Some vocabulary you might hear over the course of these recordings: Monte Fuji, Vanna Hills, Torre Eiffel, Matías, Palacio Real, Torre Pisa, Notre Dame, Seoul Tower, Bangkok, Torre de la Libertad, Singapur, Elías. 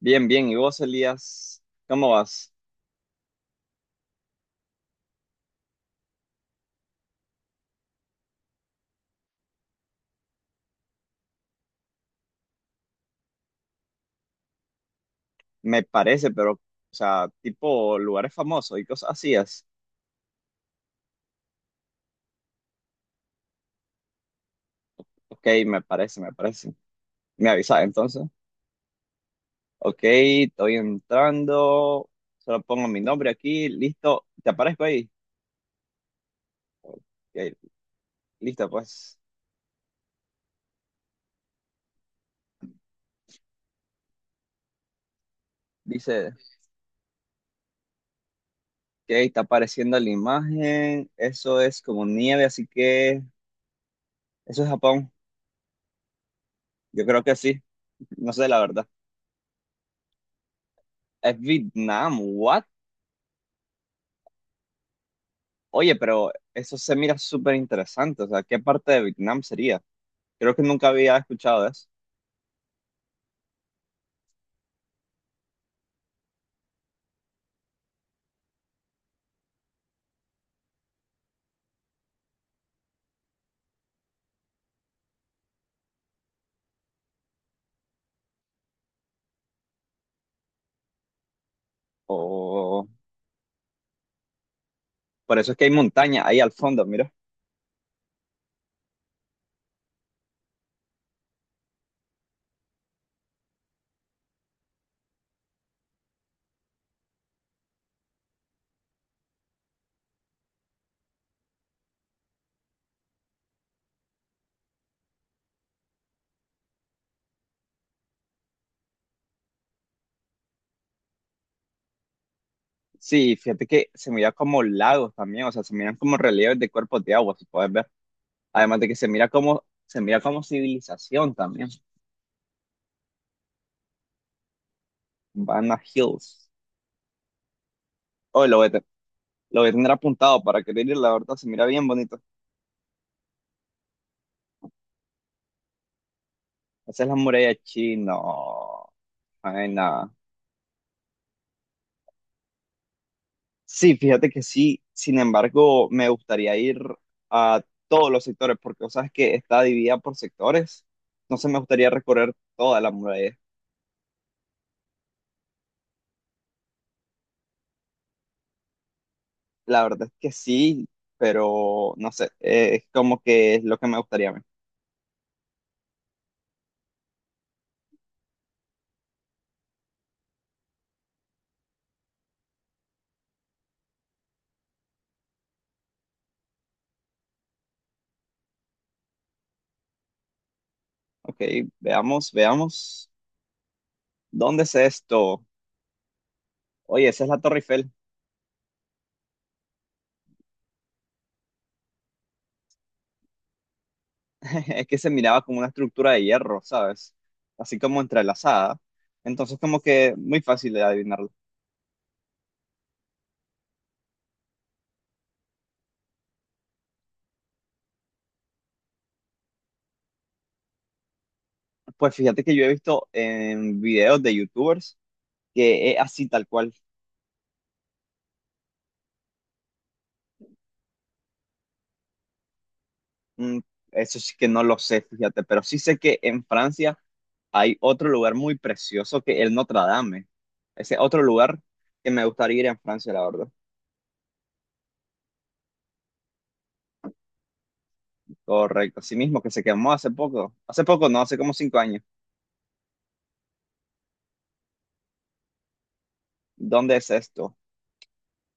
Bien, bien. ¿Y vos, Elías, cómo vas? Me parece, pero, o sea, tipo lugares famosos y cosas así es. Ok, me parece, me parece. Me avisas entonces. Ok, estoy entrando. Solo pongo mi nombre aquí. Listo. ¿Te aparezco ahí? Ok, listo, pues. Dice que está apareciendo la imagen. Eso es como nieve, así que eso es Japón. Yo creo que sí. No sé la verdad. Es Vietnam. ¿What? Oye, pero eso se mira súper interesante. O sea, ¿qué parte de Vietnam sería? Creo que nunca había escuchado de eso. O por eso es que hay montaña ahí al fondo, mira. Sí, fíjate que se mira como lagos también, o sea, se miran como relieves de cuerpos de agua, si puedes ver. Además de que se mira como civilización también. Vanna Hills. Oye, lo voy a, lo voy a tener apuntado para querer ir, la verdad, se mira bien bonito. Esa es la muralla china. Ay, no. Sí, fíjate que sí, sin embargo, me gustaría ir a todos los sectores, porque sabes que está dividida por sectores, entonces me gustaría recorrer toda la muralla. La verdad es que sí, pero no sé, es como que es lo que me gustaría ver. Ok, veamos, veamos, ¿dónde es esto? Oye, esa es la Torre Eiffel. Es que se miraba como una estructura de hierro, ¿sabes? Así como entrelazada, entonces como que muy fácil de adivinarlo. Pues fíjate que yo he visto en videos de youtubers, que es así tal cual. Mm, eso sí que no lo sé, fíjate, pero sí sé que en Francia hay otro lugar muy precioso que el Notre Dame. Ese es otro lugar que me gustaría ir en Francia, la verdad. Correcto, así mismo que se quemó hace poco. Hace poco, no, hace como 5 años. ¿Dónde es esto?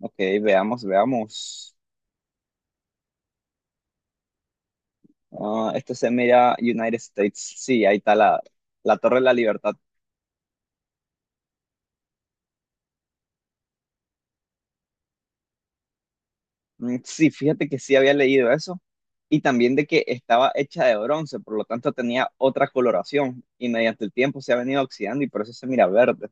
Ok, veamos, veamos. Ah, esto se mira United States. Sí, ahí está la Torre de la Libertad. Mm, sí, fíjate que sí había leído eso y también de que estaba hecha de bronce, por lo tanto tenía otra coloración y mediante el tiempo se ha venido oxidando y por eso se mira verde.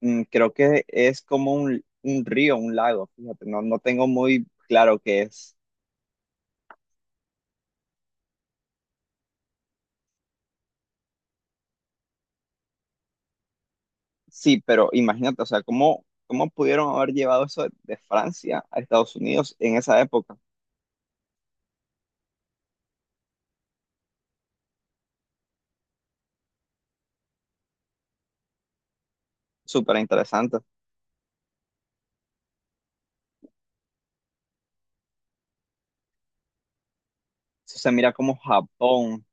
Mm, creo que es como un río, un lago, fíjate, no, no tengo muy claro qué es. Sí, pero imagínate, o sea, cómo pudieron haber llevado eso de Francia a Estados Unidos en esa época? Súper interesante. Eso se mira como Japón.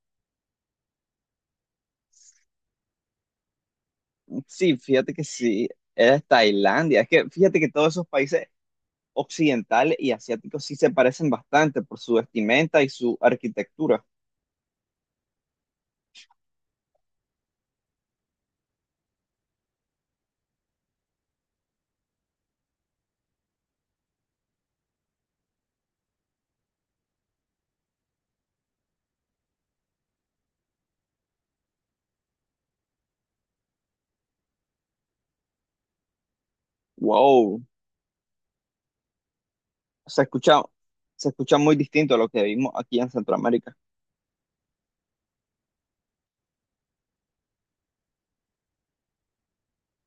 Sí, fíjate que sí, era Tailandia. Es que fíjate que todos esos países occidental y asiático sí se parecen bastante por su vestimenta y su arquitectura. Wow, se escucha, se escucha muy distinto a lo que vimos aquí en Centroamérica.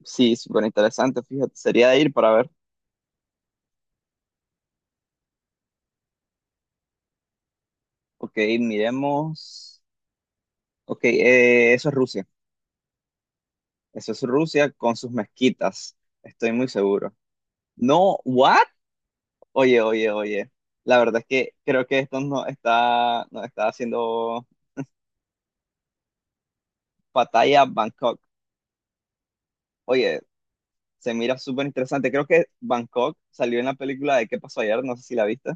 Sí, súper interesante, fíjate, sería de ir para ver. Ok, miremos. Ok, eso es Rusia. Eso es Rusia con sus mezquitas, estoy muy seguro. No, ¿what? Oye, oye, oye. La verdad es que creo que esto nos está haciendo batalla Bangkok. Oye, se mira súper interesante. Creo que Bangkok salió en la película de ¿Qué pasó ayer? No sé si la viste.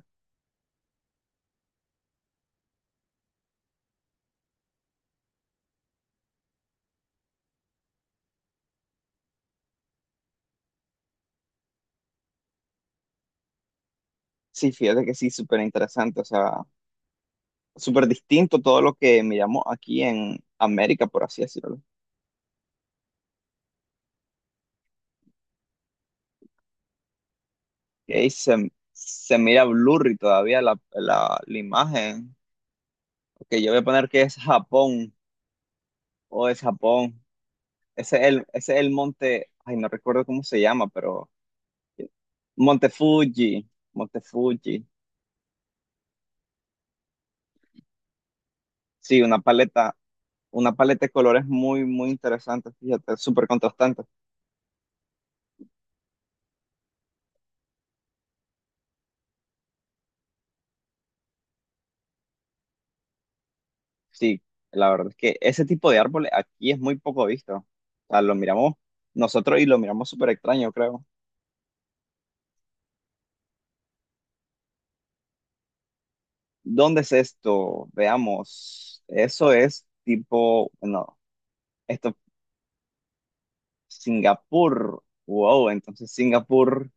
Sí, fíjate que sí, súper interesante. O sea, súper distinto todo lo que miramos aquí en América, por así decirlo. Que se mira blurry todavía la imagen. Que yo voy a poner que es Japón o es Japón. Ese es ese es el monte, ay, no recuerdo cómo se llama, pero Monte Fuji, Monte Fuji. Sí, una paleta de colores muy, muy interesante, fíjate, súper contrastante. Sí, la verdad es que ese tipo de árboles aquí es muy poco visto. O sea, lo miramos nosotros y lo miramos súper extraño, creo. ¿Dónde es esto? Veamos. Eso es tipo, bueno, esto, Singapur. Wow, entonces Singapur,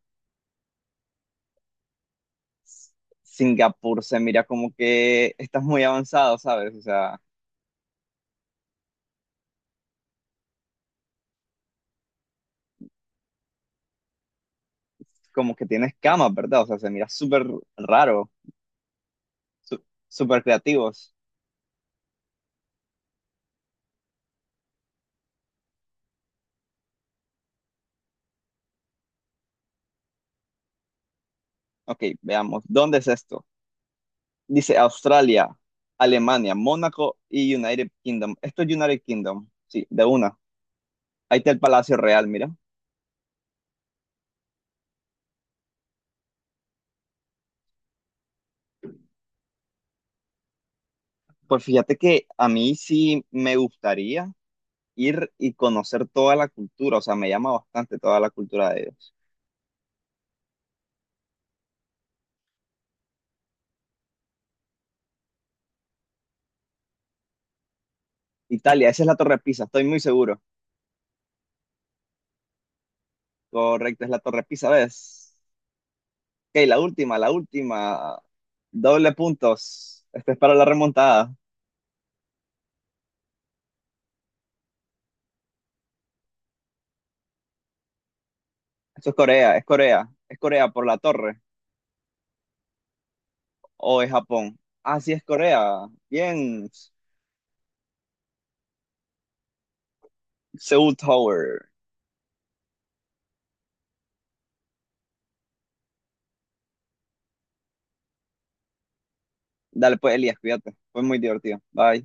Singapur se mira como que estás muy avanzado, ¿sabes? O sea, como que tienes camas, ¿verdad? O sea, se mira súper raro, su- súper creativos. Ok, veamos. ¿Dónde es esto? Dice Australia, Alemania, Mónaco y United Kingdom. Esto es United Kingdom. Sí, de una. Ahí está el Palacio Real, mira. Pues fíjate que a mí sí me gustaría ir y conocer toda la cultura. O sea, me llama bastante toda la cultura de ellos. Italia, esa es la Torre Pisa, estoy muy seguro. Correcto, es la Torre Pisa, ¿ves? Ok, la última, la última. Doble puntos. Esto es para la remontada. Esto es Corea, es Corea. Es Corea por la torre. ¿O es Japón? Ah, sí, es Corea. Bien. Seoul Tower. Dale, pues, Elías, cuídate. Fue muy divertido. Bye.